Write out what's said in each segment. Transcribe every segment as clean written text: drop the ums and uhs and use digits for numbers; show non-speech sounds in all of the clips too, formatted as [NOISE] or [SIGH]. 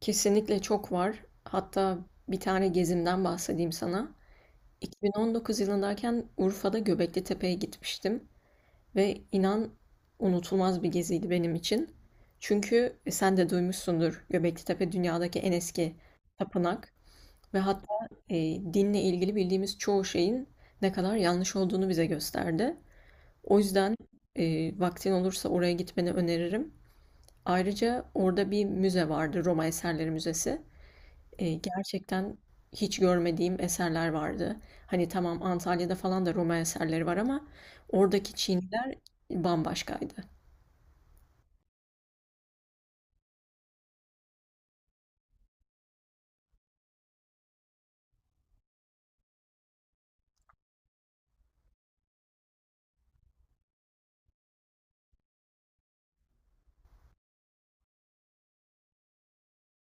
Kesinlikle çok var. Hatta bir tane gezimden bahsedeyim sana. 2019 yılındayken Urfa'da Göbekli Tepe'ye gitmiştim ve inan unutulmaz bir geziydi benim için. Çünkü sen de duymuşsundur, Göbekli Tepe dünyadaki en eski tapınak ve hatta e, dinle ilgili bildiğimiz çoğu şeyin ne kadar yanlış olduğunu bize gösterdi. O yüzden vaktin olursa oraya gitmeni öneririm. Ayrıca orada bir müze vardı, Roma Eserleri Müzesi. Gerçekten hiç görmediğim eserler vardı. Hani tamam, Antalya'da falan da Roma eserleri var ama oradaki Çiniler bambaşkaydı.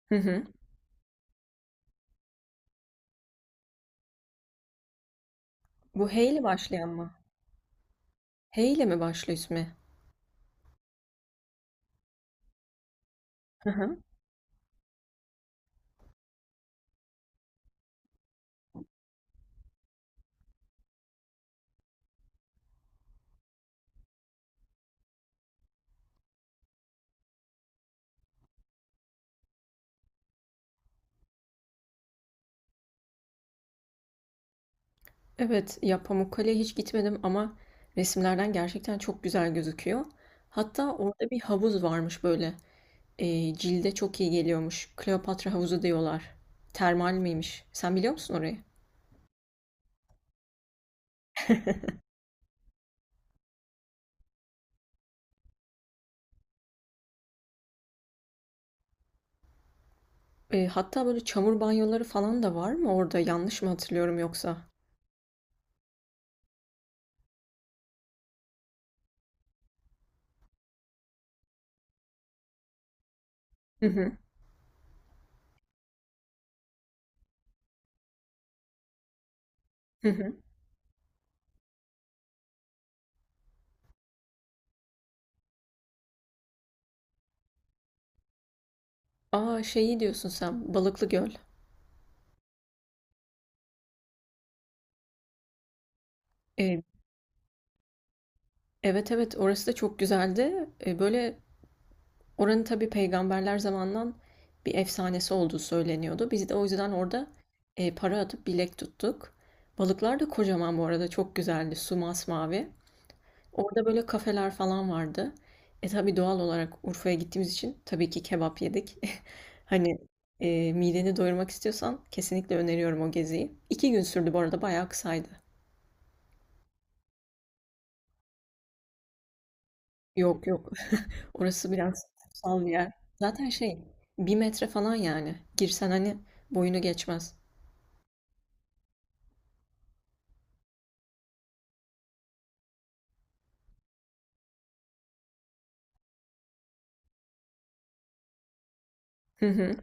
Hı hı. Bu H ile başlayan mı? H ile mi başlıyor ismi? Hı hı. Evet, ya Pamukkale'ye hiç gitmedim ama resimlerden gerçekten çok güzel gözüküyor. Hatta orada bir havuz varmış böyle. Cilde çok iyi geliyormuş. Kleopatra havuzu diyorlar. Termal miymiş? Sen biliyor musun orayı? Hatta böyle çamur banyoları falan da var mı orada? Yanlış mı hatırlıyorum yoksa? Hı hı. Hı hı. A, şeyi diyorsun sen, Balıklıgöl. Eee, evet, evet, orası da çok güzeldi. Böyle oranın tabii peygamberler zamandan bir efsanesi olduğu söyleniyordu. Biz de o yüzden orada para atıp bilek tuttuk. Balıklar da kocaman, bu arada çok güzeldi. Su masmavi. Orada böyle kafeler falan vardı. E tabii doğal olarak Urfa'ya gittiğimiz için tabii ki kebap yedik. [LAUGHS] Hani mideni doyurmak istiyorsan kesinlikle öneriyorum o geziyi. 2 gün sürdü bu arada, bayağı kısaydı. Yok yok, [LAUGHS] orası biraz kutsal bir yer. Zaten şey, bir metre falan yani. Girsen hani boyunu geçmez. Hı hı.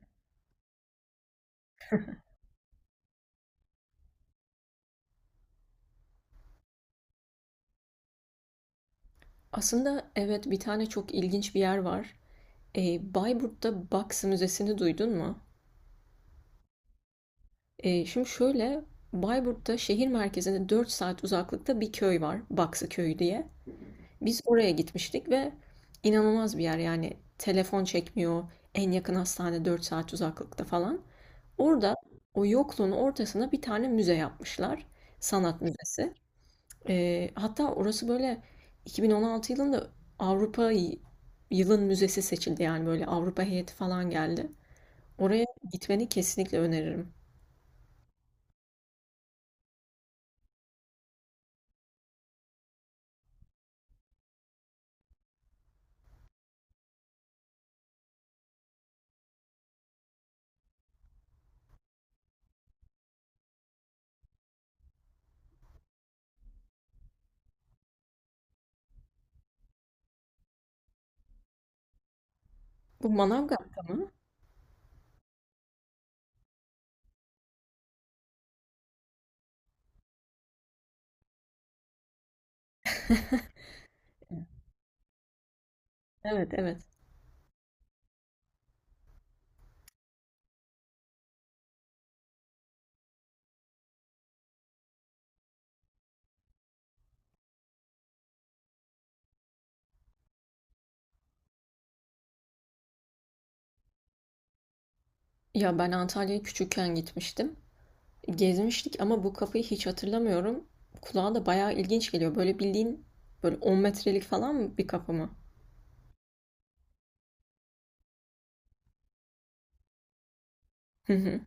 Aslında evet, bir tane çok ilginç bir yer var. E, Bayburt'ta Baksı Müzesi'ni duydun mu? Şimdi şöyle, Bayburt'ta şehir merkezine 4 saat uzaklıkta bir köy var, Baksı Köyü diye. Biz oraya gitmiştik ve inanılmaz bir yer yani, telefon çekmiyor, en yakın hastane 4 saat uzaklıkta falan. Orada o yokluğun ortasına bir tane müze yapmışlar, sanat müzesi. Hatta orası böyle 2016 yılında Avrupa yılın müzesi seçildi, yani böyle Avrupa heyeti falan geldi. Oraya gitmeni kesinlikle öneririm. Bu Manavgat'ta mı? Evet, evet. Ya ben Antalya'ya küçükken gitmiştim. Gezmiştik ama bu kapıyı hiç hatırlamıyorum. Kulağa da bayağı ilginç geliyor. Böyle bildiğin böyle 10 metrelik falan mı bir kapı mı? Hı hı.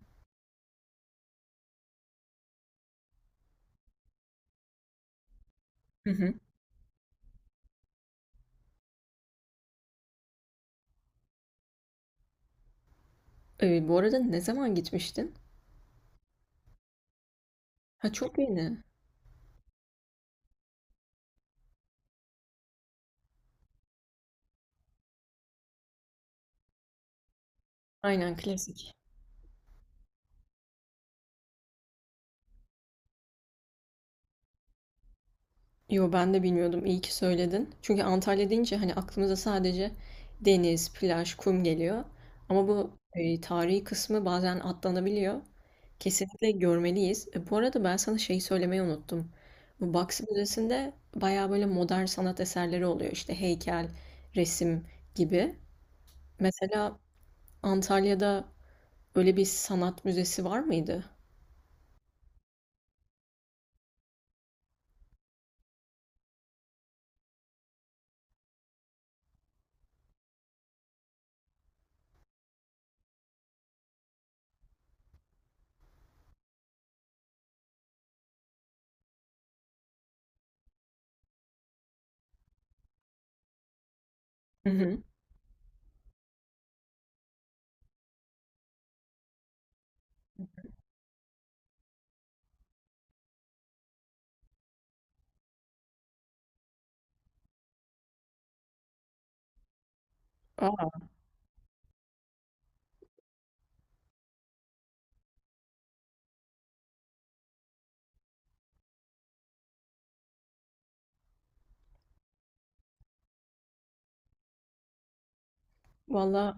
Hı hı. Bu arada ne zaman gitmiştin? Ha, çok yeni. Aynen, klasik. Yo, ben de bilmiyordum. İyi ki söyledin. Çünkü Antalya deyince hani aklımıza sadece deniz, plaj, kum geliyor. Ama bu tarihi kısmı bazen atlanabiliyor. Kesinlikle görmeliyiz. E, bu arada ben sana şeyi söylemeyi unuttum. Bu Baksı Müzesi'nde bayağı böyle modern sanat eserleri oluyor. İşte heykel, resim gibi. Mesela Antalya'da öyle bir sanat müzesi var mıydı? Hı hı. Aa, valla.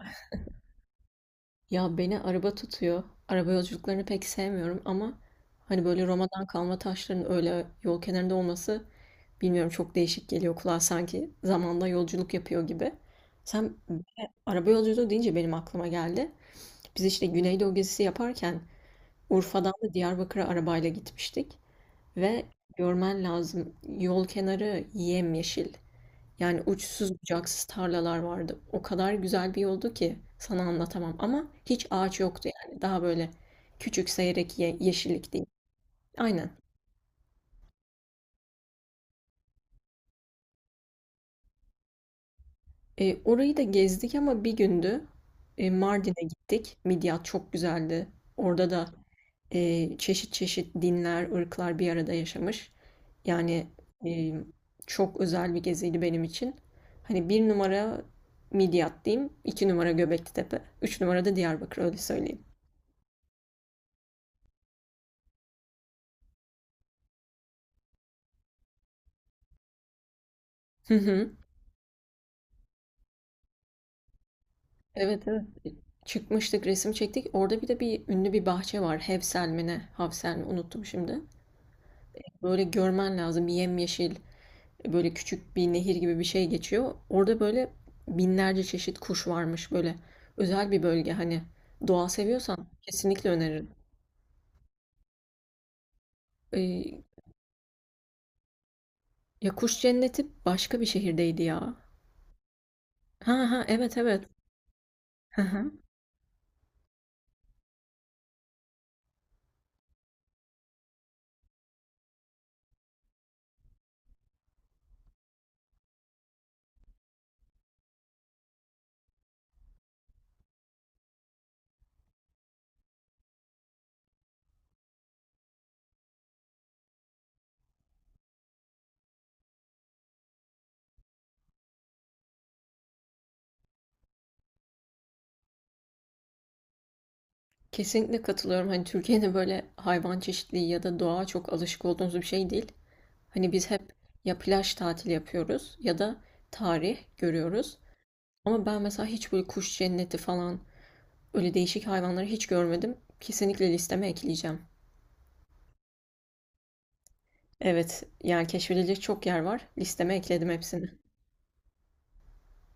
Ya beni araba tutuyor. Araba yolculuklarını pek sevmiyorum ama hani böyle Roma'dan kalma taşların öyle yol kenarında olması, bilmiyorum, çok değişik geliyor kulağa, sanki zamanda yolculuk yapıyor gibi. Sen araba yolculuğu deyince benim aklıma geldi. Biz işte Güneydoğu gezisi yaparken Urfa'dan da Diyarbakır'a arabayla gitmiştik ve görmen lazım, yol kenarı yemyeşil. Yani uçsuz bucaksız tarlalar vardı. O kadar güzel bir yoldu ki sana anlatamam. Ama hiç ağaç yoktu yani. Daha böyle küçük seyrek ye yeşillik değil. Aynen. E, orayı da gezdik ama bir gündü. E, Mardin'e gittik. Midyat çok güzeldi. Orada da çeşit çeşit dinler, ırklar bir arada yaşamış. Yani e, çok özel bir geziydi benim için. Hani bir numara Midyat diyeyim, iki numara Göbekli Tepe, üç numara da Diyarbakır, öyle söyleyeyim. Hı hı. Evet, evet. Çıkmıştık, resim çektik. Orada bir de bir ünlü bir bahçe var. Hevsel mi ne? Havsel mi? Unuttum şimdi. Böyle görmen lazım. Bir yemyeşil, böyle küçük bir nehir gibi bir şey geçiyor. Orada böyle binlerce çeşit kuş varmış böyle. Özel bir bölge hani. Doğa seviyorsan kesinlikle öneririm. Ee, ya kuş cenneti başka bir şehirdeydi ya. Ha ha, evet, evet. Hı hı. Kesinlikle katılıyorum. Hani Türkiye'de böyle hayvan çeşitliliği ya da doğa çok alışık olduğumuz bir şey değil. Hani biz hep ya plaj tatili yapıyoruz ya da tarih görüyoruz. Ama ben mesela hiç böyle kuş cenneti falan öyle değişik hayvanları hiç görmedim. Kesinlikle listeme ekleyeceğim. Evet, yani keşfedilecek çok yer var. Listeme ekledim hepsini.